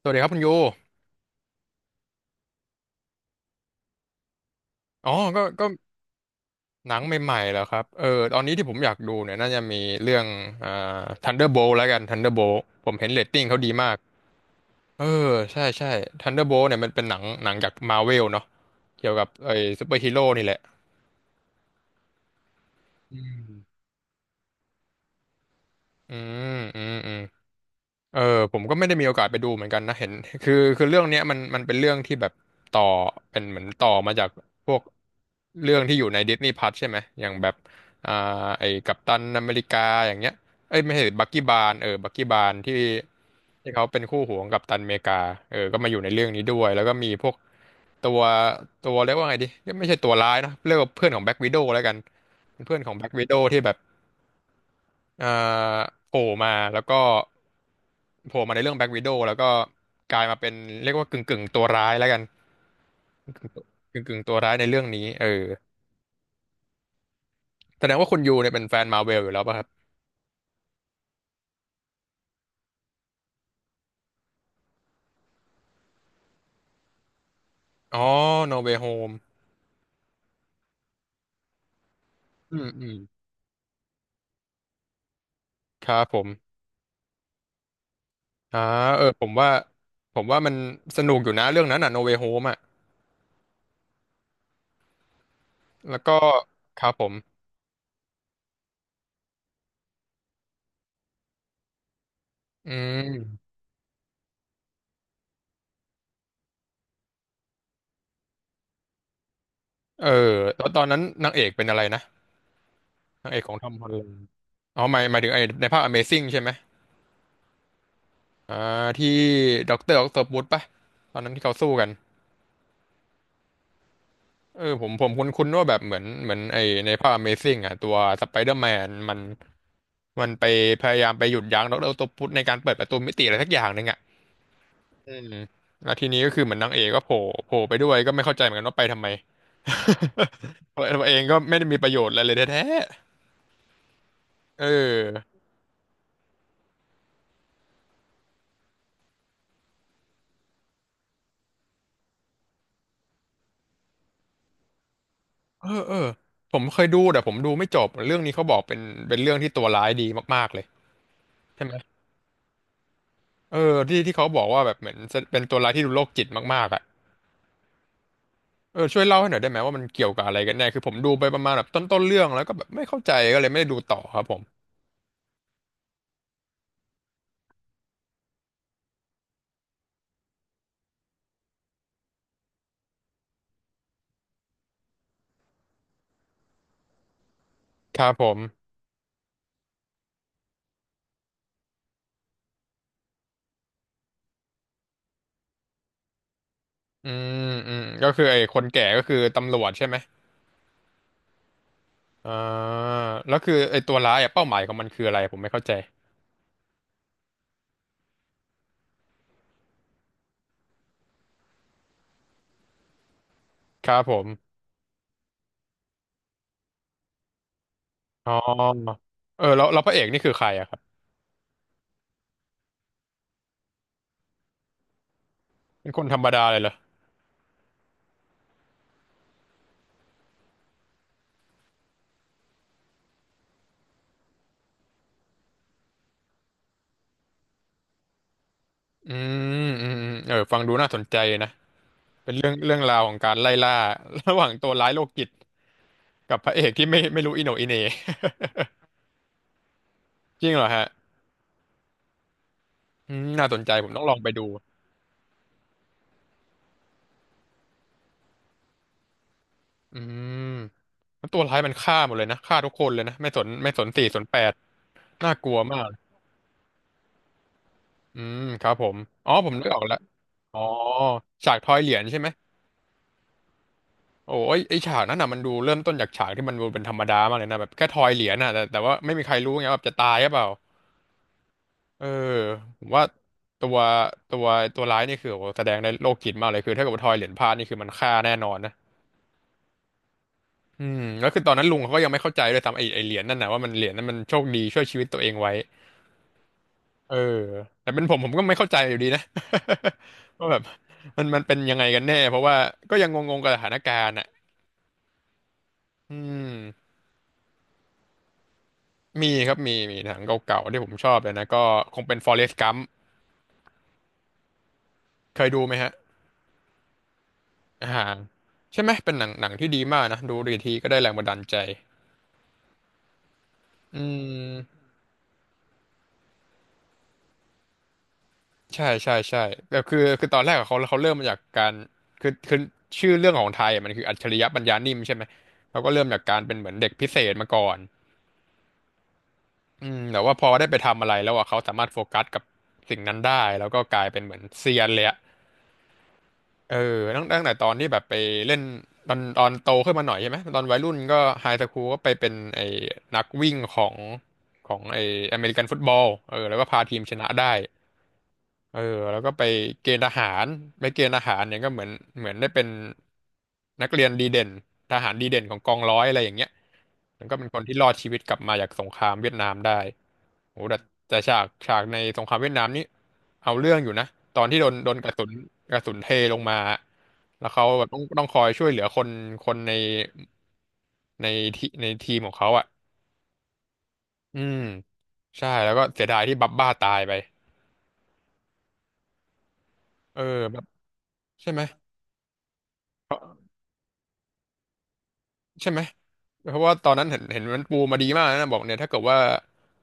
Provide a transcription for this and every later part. สวัสดีครับคุณยูอ๋อหนังใหม่ๆแล้วครับเออตอนนี้ที่ผมอยากดูเนี่ยน่าจะมีเรื่องอ่า Thunderbolt แล้วกัน Thunderbolt ผมเห็นเรตติ้งเขาดีมาก เออ ใช่ใช่ Thunderbolt เนี่ยมันเป็นหนังจาก Marvel เนาะเกี่ยวกับไอ้ซูเปอร์ฮีโร่นี่แหละอืมอืมอืมอืม เออผมก็ไม่ได้มีโอกาสไปดูเหมือนกันนะเห็น คือเรื่องเนี้ยมันเป็นเรื่องที่แบบต่อเป็นเหมือนต่อมาจากพวกเรื่องที่อยู่ในดิสนีย์พ u ัทใช่ไหมอย่างแบบอ่าไอ้กัปตันอเมริกาอย่างเงี้ยเอ้ยไม่ใช่บักกี้บาร์นเออบักกี้บาร์นที่ที่เขาเป็นคู่หูของกัปตันอเมริกาเออก็มาอยู่ในเรื่องนี้ด้วยแล้วก็มีพวกตัวตัวเรียกว่าไงดีไม่ใช่ตัวร้ายนะเรียกว่าเพื่อนของแบ็กวิโดว์แล้วกันเป็นเพื่อนของแบ็กวิโดว์ที่แบบเอ่าโผล่มาแล้วก็ โผล่มาในเรื่องแบ็ k ว i ด o w แล้วก็กลายมาเป็นเรียกว่ากึ่งตัวร้ายแล้วกันกึ่งตัวร้ายในเรื่องนี้เออแสดงว่าคุณยูเนี่ยเป็นแฟนมาเวลอยู่แล้วป่ะครับอ๋อ No Way Home อืมอืมครับผมอ่าเออผมว่ามันสนุกอยู่นะเรื่องนั้นอ่ะ No Way Home อ่ะแล้วก็ครับผมอืมเออแล้วตอนนั้นนางเอกเป็นอะไรนะนางเอกของทอมฮอลแลนด์อ๋อหมายถึงไอ้ในภาค Amazing ใช่ไหมอ่าที่ด็อกเตอร์ออกโตปุสป่ะตอนนั้นที่เขาสู้กัน เออผมคุ้นๆว่าแบบเหมือนไอในภาพ Amazing อ่ะตัวสไปเดอร์แมนมันไปพยายามไปหยุดยั้งดรออคโตปุสในการเปิดประตูมิติอะไรสักอย่างหนึ่งอ่ะอืมแล้วทีนี้ก็คือเหมือนนางเอกก็โผล่ไปด้วยก็ไม่เข้าใจเหมือนกันว่าไปทำไม เพราะตัวเองก็ไม่ได้มีประโยชน์อะไรเลยแท้ๆอเออเออผมเคยดูแต่ผมดูไม่จบเรื่องนี้เขาบอกเป็นเรื่องที่ตัวร้ายดีมากๆเลยใช่ไหมเออที่เขาบอกว่าแบบเหมือนเป็นตัวร้ายที่ดูโรคจิตมากๆอ่ะ เออช่วยเล่าให้หน่อยได้ไหมว่ามันเกี่ยวกับอะไรกันแน่คือผมดูไปประมาณแบบต้นเรื่องแล้วก็แบบไม่เข้าใจก็เลยไม่ได้ดูต่อครับผมครับผมอืมอืมก็คือไอ้คนแก่ก็คือตำรวจใช่ไหมอ่าแล้วคือไอ้ตัวร้ายอะเป้าหมายของมันคืออะไรผมไม่เข้าใจครับผมอ๋อเออแล้วพระเอกนี่คือใครอะครับเป็นคนธรรมดาเลยเหรออืมอืมอืมเออฟังดูน่าสนใจนะเป็นเรื่องราวของการไล่ล่า ระหว่างตัวร้ายโรคจิตกับพระเอกที่ไม่รู้อิโหนอิเหน่ จริงเหรอฮะ อืมน่าสนใจผมต้องลองไปดูอืมแล้วตัวร้ายมันฆ่าหมดเลยนะฆ่าทุกคนเลยนะไม่สนสี่สนแปดน่ากลัวมากอืมครับผมอ๋อผมนึกออกแล้วอ๋อฉากทอยเหรียญใช่ไหมโอ้ยไอฉากนั้นน่ะมันดูเริ่มต้นจากฉากที่มันดูเป็นธรรมดามากเลยนะแบบแค่ทอยเหรียญน่ะแต่ว่าไม่มีใครรู้ไงว่าแบบจะตายหรือเปล่าเออผมว่าตัวตัวตัวร้ายนี่คือโอ้โหแสดงได้โรคจิตมากเลยคือถ้าเกิดว่าทอยเหรียญพลาดนี่คือมันฆ่าแน่นอนนะ อืมแล้วคือตอนนั้นลุงเขาก็ยังไม่เข้าใจเลยทำไอ้เหรียญนั่นนะว่ามันเหรียญนั้นมันโชคดีช่วยชีวิตตัวเองไว้เออแต่เป็นผมก็ไม่เข้าใจอยู่ดีนะ ว่าแบบมันเป็นยังไงกันแน่เพราะว่าก็ยังงงๆกับสถานการณ์อ่ะอืมมีครับมีมีหนังเก่าๆที่ผมชอบเลยนะก็คงเป็น Forrest Gump เคยดูไหมฮะอ่าใช่ไหมเป็นหนังที่ดีมากนะดูรีทีก็ได้แรงบันดาลใจอืม ใช่ใช่ใช่แบบคือตอนแรกอะเขาเริ่มมาจากการคือคือชื่อเรื่องของไทยอะมันคืออัจฉริยะปัญญานิ่มใช่ไหมเขาก็เริ่มจากการเป็นเหมือนเด็กพิเศษมาก่อนอืมแต่ว่าพอได้ไปทำอะไรแล้วอ่ะเขาสามารถโฟกัสกับสิ่งนั้นได้แล้วก็กลายเป็นเหมือนเซียนเลยอะเออตั้งแต่ตอนที่แบบไปเล่นตอนโตขึ้นมาหน่อยใช่ไหมตอนวัยรุ่นก็ไฮสคูลก็ไปเป็นไอ้นักวิ่งของของไอ้อเมริกันฟุตบอลเออแล้วก็พาทีมชนะได้ เออแล้วก็ไปเกณฑ์ทหารไปเกณฑ์ทหารเนี่ยก็เหมือนเหมือนได้เป็นนักเรียนดีเด่นทหารดีเด่นของกองร้อยอะไรอย่างเงี้ยแล้วก็เป็นคนที่รอดชีวิตกลับมาจากสงครามเวียดนามได้โอ้แต่แต่ฉากในสงครามเวียดนามนี่เอาเรื่องอยู่นะตอนที่โดนกระสุนกระสุนเทลงมาแล้วเขาแบบต้องคอยช่วยเหลือคนคนในในในทีมของเขาอ่ะอืมใช่แล้วก็เสียดายที่บับบ้าตายไปเออแบบใช่ไหม ใช่ไหมเพราะว่าตอนนั้นเห็นเห็นมันปูมาดีมากนะบอกเนี่ยถ้าเกิดว่า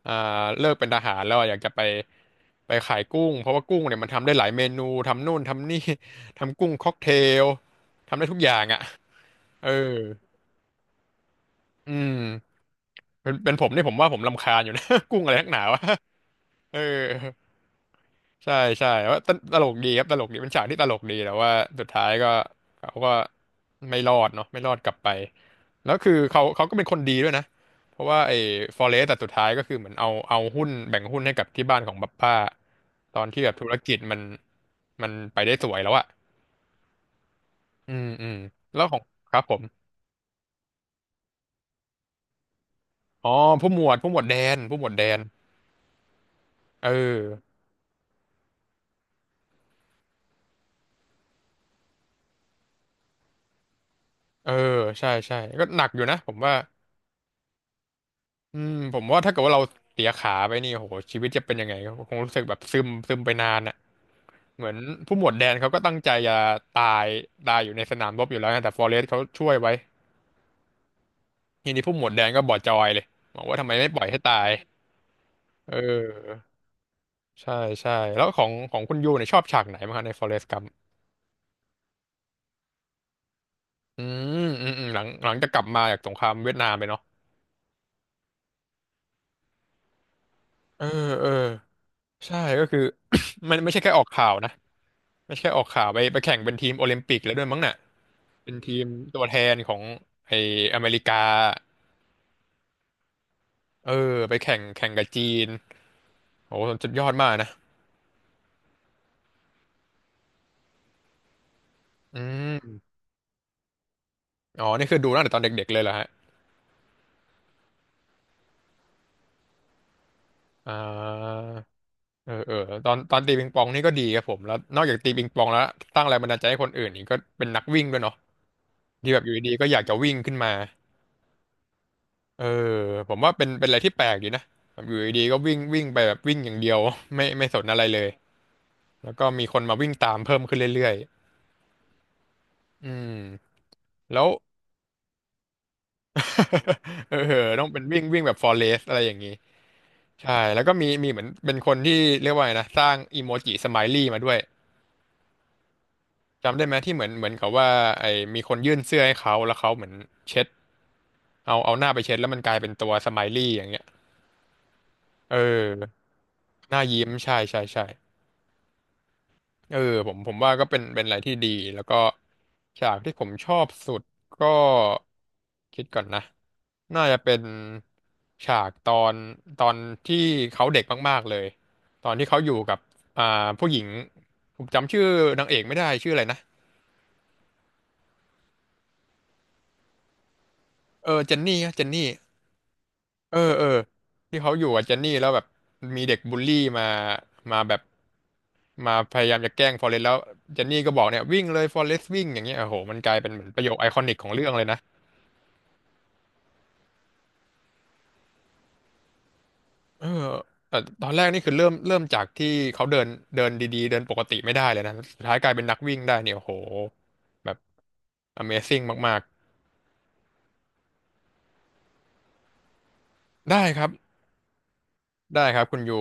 อ่าเลิกเป็นทหารแล้วอะอยากจะไปไปขายกุ้งเพราะว่ากุ้งเนี่ยมันทำได้หลายเมนูทำนู่นทำนี่ ทำกุ้งค็อกเทลทำได้ทุกอย่างอ่ะเอออืมเป็นเป็นผมนี่ผมว่าผมรำคาญอยู่นะ กุ้งอะไรนักหนาวะ เออ ใช่ใช่ว่าตลกดีครับตลกดีเป็นฉากที่ตลกดีแต่ว่าสุดท้ายก็เขาก็ไม่รอดเนาะไม่รอดกลับไปแล้วคือเขาก็เป็นคนดีด้วยนะเพราะว่าไอ้ฟอเรสต์แต่สุดท้ายก็คือเหมือนเอาหุ้นแบ่งหุ้นให้กับที่บ้านของบัพป้าตอนที่แบบธุรกิจมันมันไปได้สวยแล้วอะอืมอืมแล้วของครับผมอ๋อผู้หมวดแดนผู้หมวดแดนเออเออใช่ใช่ก็หนักอยู่นะผมว่า อืมผมว่าถ้าเกิดว่าเราเสียขาไปนี่โหชีวิตจะเป็นยังไงคงรู้สึกแบบซึมไปนานอ่ะเหมือนผู้หมวดแดนเขาก็ตั้งใจจะตายตายอยู่ในสนามรบอยู่แล้วนะแต่ฟอเรสต์เขาช่วยไว้ทีนี้ผู้หมวดแดนก็บอดจอยเลยบอกว่าทำไมไม่ปล่อยให้ตายเออใช่ใช่แล้วของของคุณยูเนี่ยชอบฉากไหนบ้างคะในฟอเรสต์กัมอือืมอืมหลังหลังจะกลับมาจากสงครามเวียดนามไปเนาะเออเออใช่ก็คือ มันไม่ใช่แค่ออกข่าวนะไม่ใช่แค่ออกข่าวไปไปแข่งเป็นทีมโอลิมปิกแล้วด้วยมั้งน่ะ เป็นทีมตัวแทนของไออเมริกาเออไปแข่งแข่งกับจีนโอ้โหสุดยอดมากนะอืมอ๋อ นี่คือดูตั้งแต่ตอนเด็กๆเลยเหรอฮะอ่าเออ เออตอนตีปิงปองนี่ก็ดีครับผม แล้วนอกจากตีปิงปองแล้วสร้างแรงบันดาลใจให้คนอื่นนี่ก็เป็นนักวิ่งด้วยเนาะที่แบบอยู่ดีๆก็อยากจะวิ่งขึ้นมาเออผมว่าเป็นเป็นอะไรที่แปลกดีนะแบบอยู่ดีๆก็วิ่งวิ่งไปแบบวิ่งอย่างเดียว ไม่ไม่สนอะไรเลยแล้วก็มีคนมาวิ่งตามเพิ่มขึ้นเรื่อยๆอืมแล้ว เออเออต้องเป็นวิ่งวิ่งแบบฟอเรสอะไรอย่างนี้ ใช่ แล้วก็มีมีเหมือนเป็นคนที่เรียกว่าไงนะสร้างอีโมจิสไมลี่มาด้วย จำได้ไหมที่เหมือนเหมือนกับว่าไอ้มีคนยื่นเสื้อให้เขาแล้วเขาเหมือนเช็ดเอาหน้าไปเช็ดแล้วมันกลายเป็นตัวสไมลี่อย่างเงี้ยเออ หน้ายิ้มใช่ใช่ใช่ เออผมว่าก็เป็นเป็นอะไรที่ดีแล้วก็ฉากที่ผมชอบสุดก็คิดก่อนนะน่าจะเป็นฉากตอนตอนที่เขาเด็กมากๆเลยตอนที่เขาอยู่กับอ่าผู้หญิงผมจำชื่อนางเอกไม่ได้ชื่ออะไรนะเออเจนนี่เจนนี่เออเออที่เขาอยู่กับเจนนี่แล้วแบบมีเด็กบูลลี่มามาแบบมาพยายามจะแกล้งฟอเรสต์แล้วเจนนี่ก็บอกเนี่ยวิ่งเลยฟอเรสต์วิ่งอย่างเงี้ยโอ้โหมันกลายเป็นเหมือนประโยคไอคอนิกของเรื่องเลยนะ เออแต่ตอนแรกนี่คือเริ่มจากที่เขาเดินเดินดีๆเดินปกติไม่ได้เลยนะ สุดท้ายกลายเป็นนักวิ่งได้เนี่ยโอ้โหแบบ Amazing มากๆได้ครับได้ครับคุณยู